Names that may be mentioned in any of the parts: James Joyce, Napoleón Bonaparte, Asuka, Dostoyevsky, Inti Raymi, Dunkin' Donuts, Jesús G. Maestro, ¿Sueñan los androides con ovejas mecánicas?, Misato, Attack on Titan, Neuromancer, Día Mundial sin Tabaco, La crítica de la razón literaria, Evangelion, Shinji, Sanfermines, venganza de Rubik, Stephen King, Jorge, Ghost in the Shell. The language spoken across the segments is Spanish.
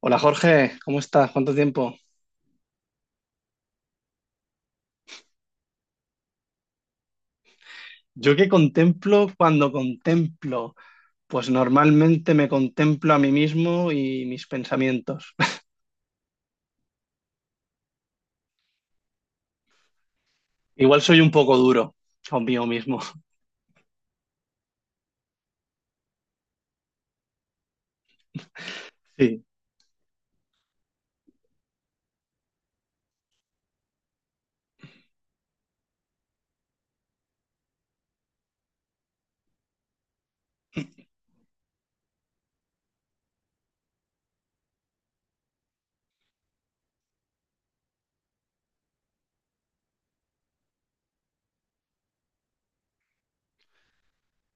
Hola Jorge, ¿cómo estás? ¿Cuánto tiempo? Yo que contemplo cuando contemplo, pues normalmente me contemplo a mí mismo y mis pensamientos. Igual soy un poco duro conmigo mismo. Sí.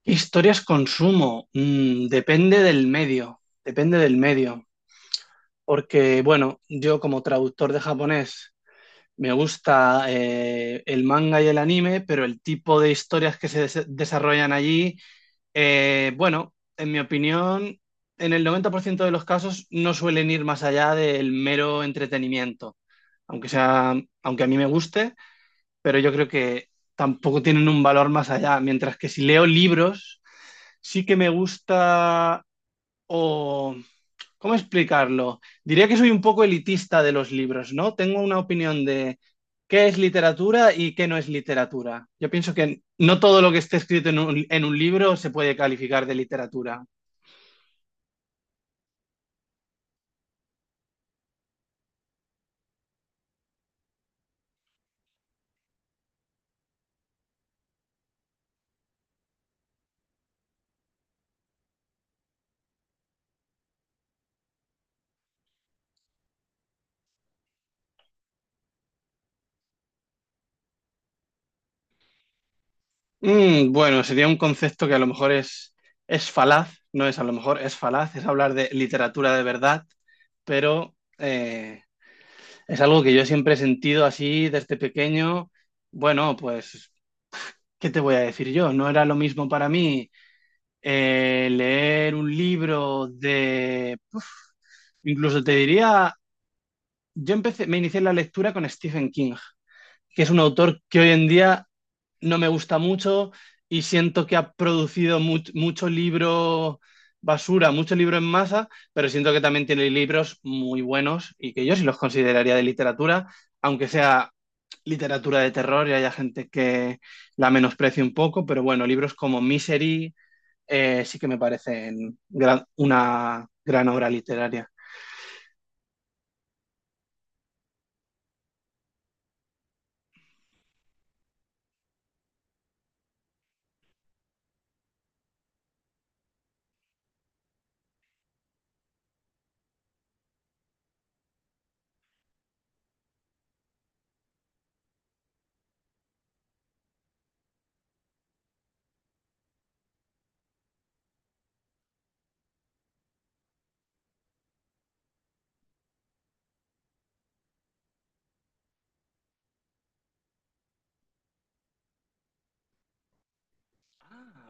¿Qué historias consumo? Depende del medio, depende del medio. Porque, bueno, yo como traductor de japonés me gusta el manga y el anime, pero el tipo de historias que se desarrollan allí. Bueno, en mi opinión, en el 90% de los casos no suelen ir más allá del mero entretenimiento, aunque sea, aunque a mí me guste, pero yo creo que tampoco tienen un valor más allá, mientras que si leo libros, sí que me gusta. O ¿cómo explicarlo? Diría que soy un poco elitista de los libros, ¿no? Tengo una opinión de qué es literatura y qué no es literatura. Yo pienso que no todo lo que esté escrito en un libro se puede calificar de literatura. Bueno, sería un concepto que a lo mejor es falaz, no es a lo mejor, es falaz, es hablar de literatura de verdad, pero es algo que yo siempre he sentido así desde pequeño. Bueno, pues, ¿qué te voy a decir yo? No era lo mismo para mí leer un libro de, incluso te diría, me inicié en la lectura con Stephen King, que es un autor que hoy en día no me gusta mucho y siento que ha producido mucho libro basura, mucho libro en masa, pero siento que también tiene libros muy buenos y que yo sí los consideraría de literatura, aunque sea literatura de terror y haya gente que la menosprecie un poco, pero bueno, libros como Misery sí que me parecen una gran obra literaria.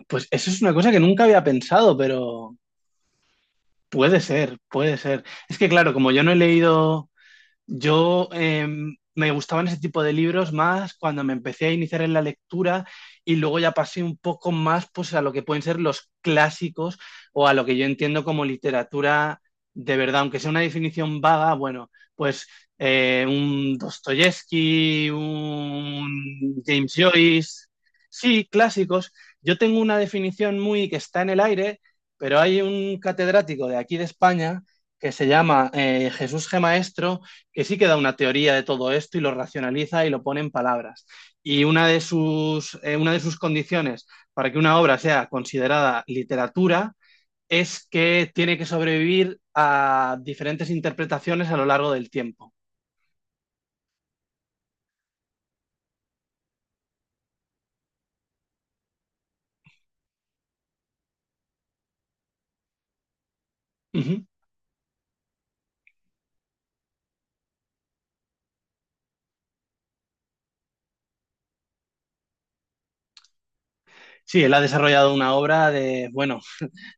Pues eso es una cosa que nunca había pensado, pero puede ser, puede ser. Es que claro, como yo no he leído. Yo me gustaban ese tipo de libros más cuando me empecé a iniciar en la lectura y luego ya pasé un poco más pues, a lo que pueden ser los clásicos o a lo que yo entiendo como literatura de verdad, aunque sea una definición vaga, bueno, pues un Dostoyevsky, un James Joyce, sí, clásicos. Yo tengo una definición muy que está en el aire, pero hay un catedrático de aquí de España que se llama Jesús G. Maestro, que sí que da una teoría de todo esto y lo racionaliza y lo pone en palabras. Y una de sus condiciones para que una obra sea considerada literatura es que tiene que sobrevivir a diferentes interpretaciones a lo largo del tiempo. Uh -huh. Sí, él ha desarrollado una obra de, bueno,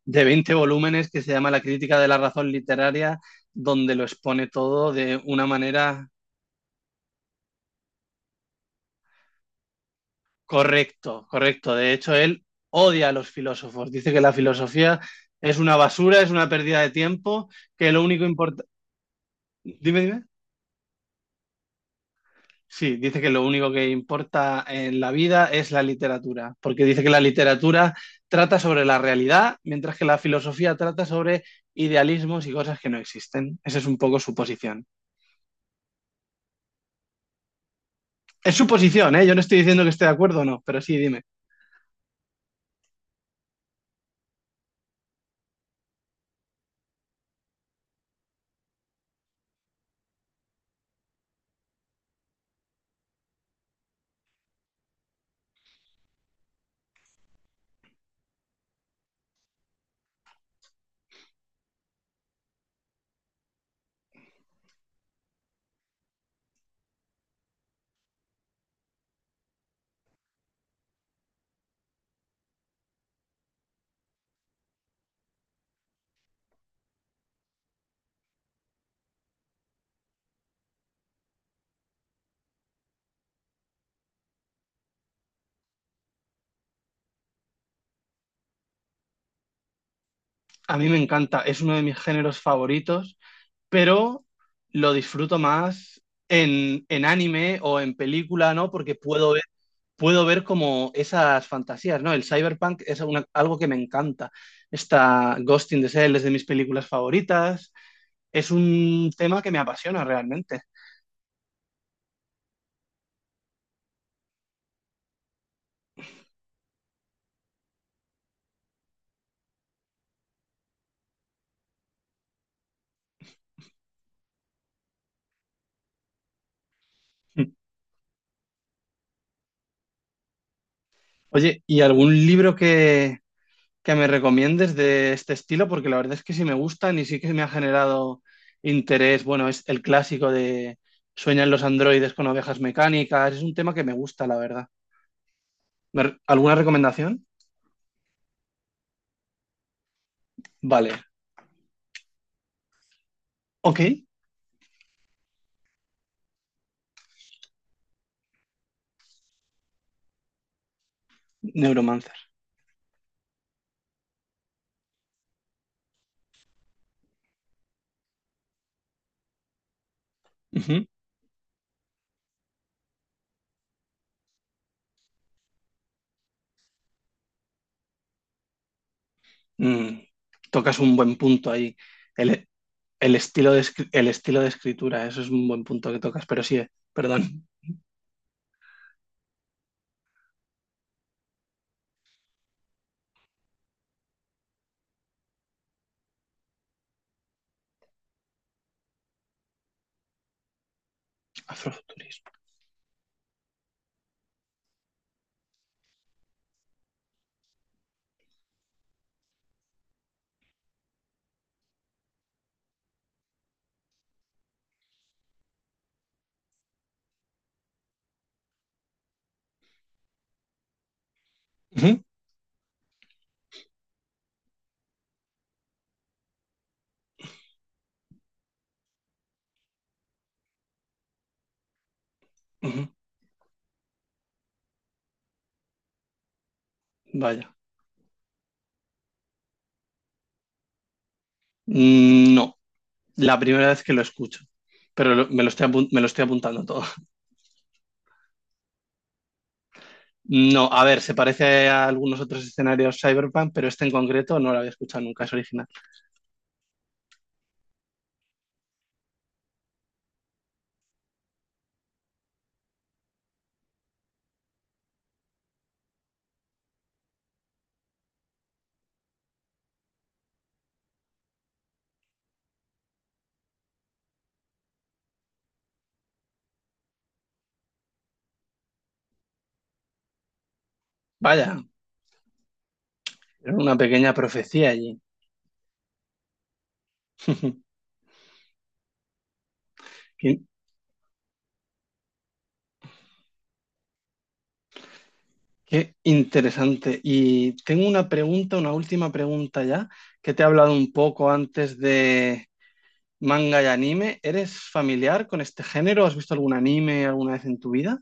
de 20 volúmenes que se llama La crítica de la razón literaria, donde lo expone todo de una manera. Correcto, correcto. De hecho, él odia a los filósofos. Dice que la filosofía es una basura, es una pérdida de tiempo, que lo único importa. Dime, dime. Sí, dice que lo único que importa en la vida es la literatura, porque dice que la literatura trata sobre la realidad, mientras que la filosofía trata sobre idealismos y cosas que no existen. Esa es un poco su posición. Es su posición, ¿eh? Yo no estoy diciendo que esté de acuerdo o no, pero sí, dime. A mí me encanta, es uno de mis géneros favoritos, pero lo disfruto más en, anime o en película, ¿no? Porque puedo ver como esas fantasías, ¿no? El cyberpunk es algo que me encanta. Está Ghost in the Shell es de mis películas favoritas. Es un tema que me apasiona realmente. Oye, ¿y algún libro que me recomiendes de este estilo? Porque la verdad es que sí me gustan y sí que me ha generado interés. Bueno, es el clásico de Sueñan los androides con ovejas mecánicas, es un tema que me gusta, la verdad. ¿Alguna recomendación? Vale, ok, Neuromancer. Ujú. Mm, Tocas un buen punto ahí. El, el el estilo de escritura, eso es un buen punto que tocas, pero sí, perdón. Afrofuturismo. Ujú, ujú. Vaya. Mm. No, la primera vez que lo escucho, pero me lo estoy apuntando todo. No, a ver, se parece a algunos otros escenarios cyberpunk, pero este en concreto no lo había escuchado nunca, es original. Vaya, era una pequeña profecía allí. Qué, qué interesante. Y tengo una última pregunta ya, que te he hablado un poco antes de manga y anime. ¿Eres familiar con este género? ¿Has visto algún anime alguna vez en tu vida?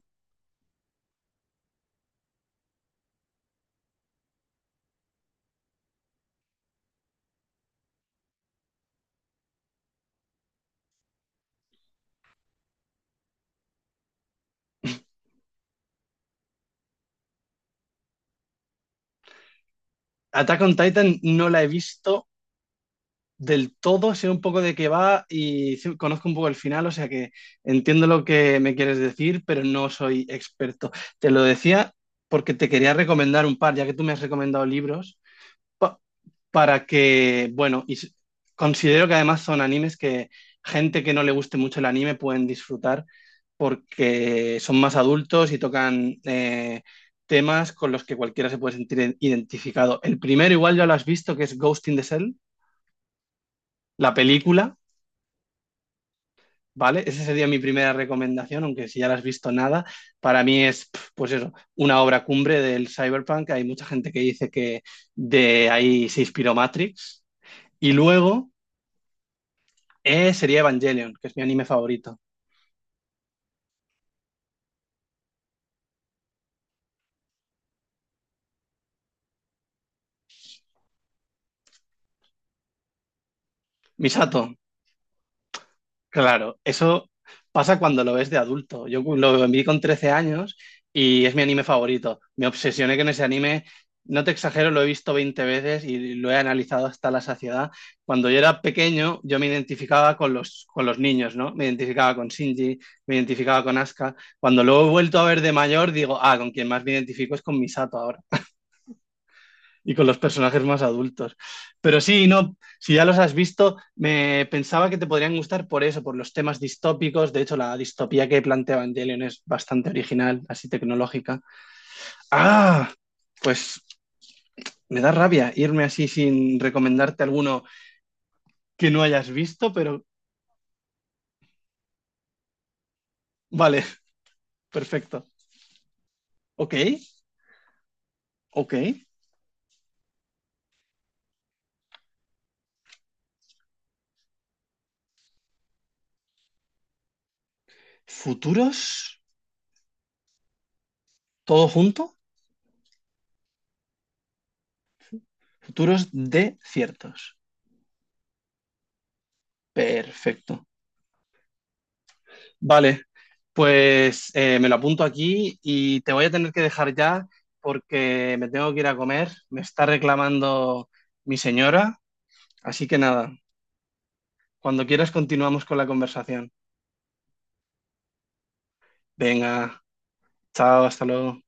Attack on Titan no la he visto del todo, sé un poco de qué va y sí, conozco un poco el final, o sea que entiendo lo que me quieres decir, pero no soy experto. Te lo decía porque te quería recomendar un par, ya que tú me has recomendado libros, pa- para que, bueno, considero que además son animes que gente que no le guste mucho el anime pueden disfrutar, porque son más adultos y tocan temas con los que cualquiera se puede sentir identificado. El primero, igual ya lo has visto, que es Ghost in the Shell, la película. ¿Vale? Esa sería mi primera recomendación, aunque si ya la has visto, nada, para mí es, pues eso, una obra cumbre del cyberpunk. Hay mucha gente que dice que de ahí se inspiró Matrix. Y luego sería Evangelion, que es mi anime favorito. Misato. Claro, eso pasa cuando lo ves de adulto. Yo lo vi con 13 años y es mi anime favorito. Me obsesioné con ese anime. No te exagero, lo he visto 20 veces y lo he analizado hasta la saciedad. Cuando yo era pequeño, yo me identificaba con los niños, ¿no? Me identificaba con Shinji, me identificaba con Asuka. Cuando lo he vuelto a ver de mayor, digo, ah, con quien más me identifico es con Misato ahora y con los personajes más adultos. Pero sí, no, si ya los has visto, me pensaba que te podrían gustar por eso, por los temas distópicos. De hecho, la distopía que plantea Evangelion es bastante original, así tecnológica. Ah, pues me da rabia irme así sin recomendarte alguno que no hayas visto, pero vale, perfecto. Ok, ok. Futuros, todo junto, futuros de ciertos. Perfecto. Vale, pues me lo apunto aquí y te voy a tener que dejar ya, porque me tengo que ir a comer. Me está reclamando mi señora. Así que nada, cuando quieras continuamos con la conversación. Venga, chao, hasta luego.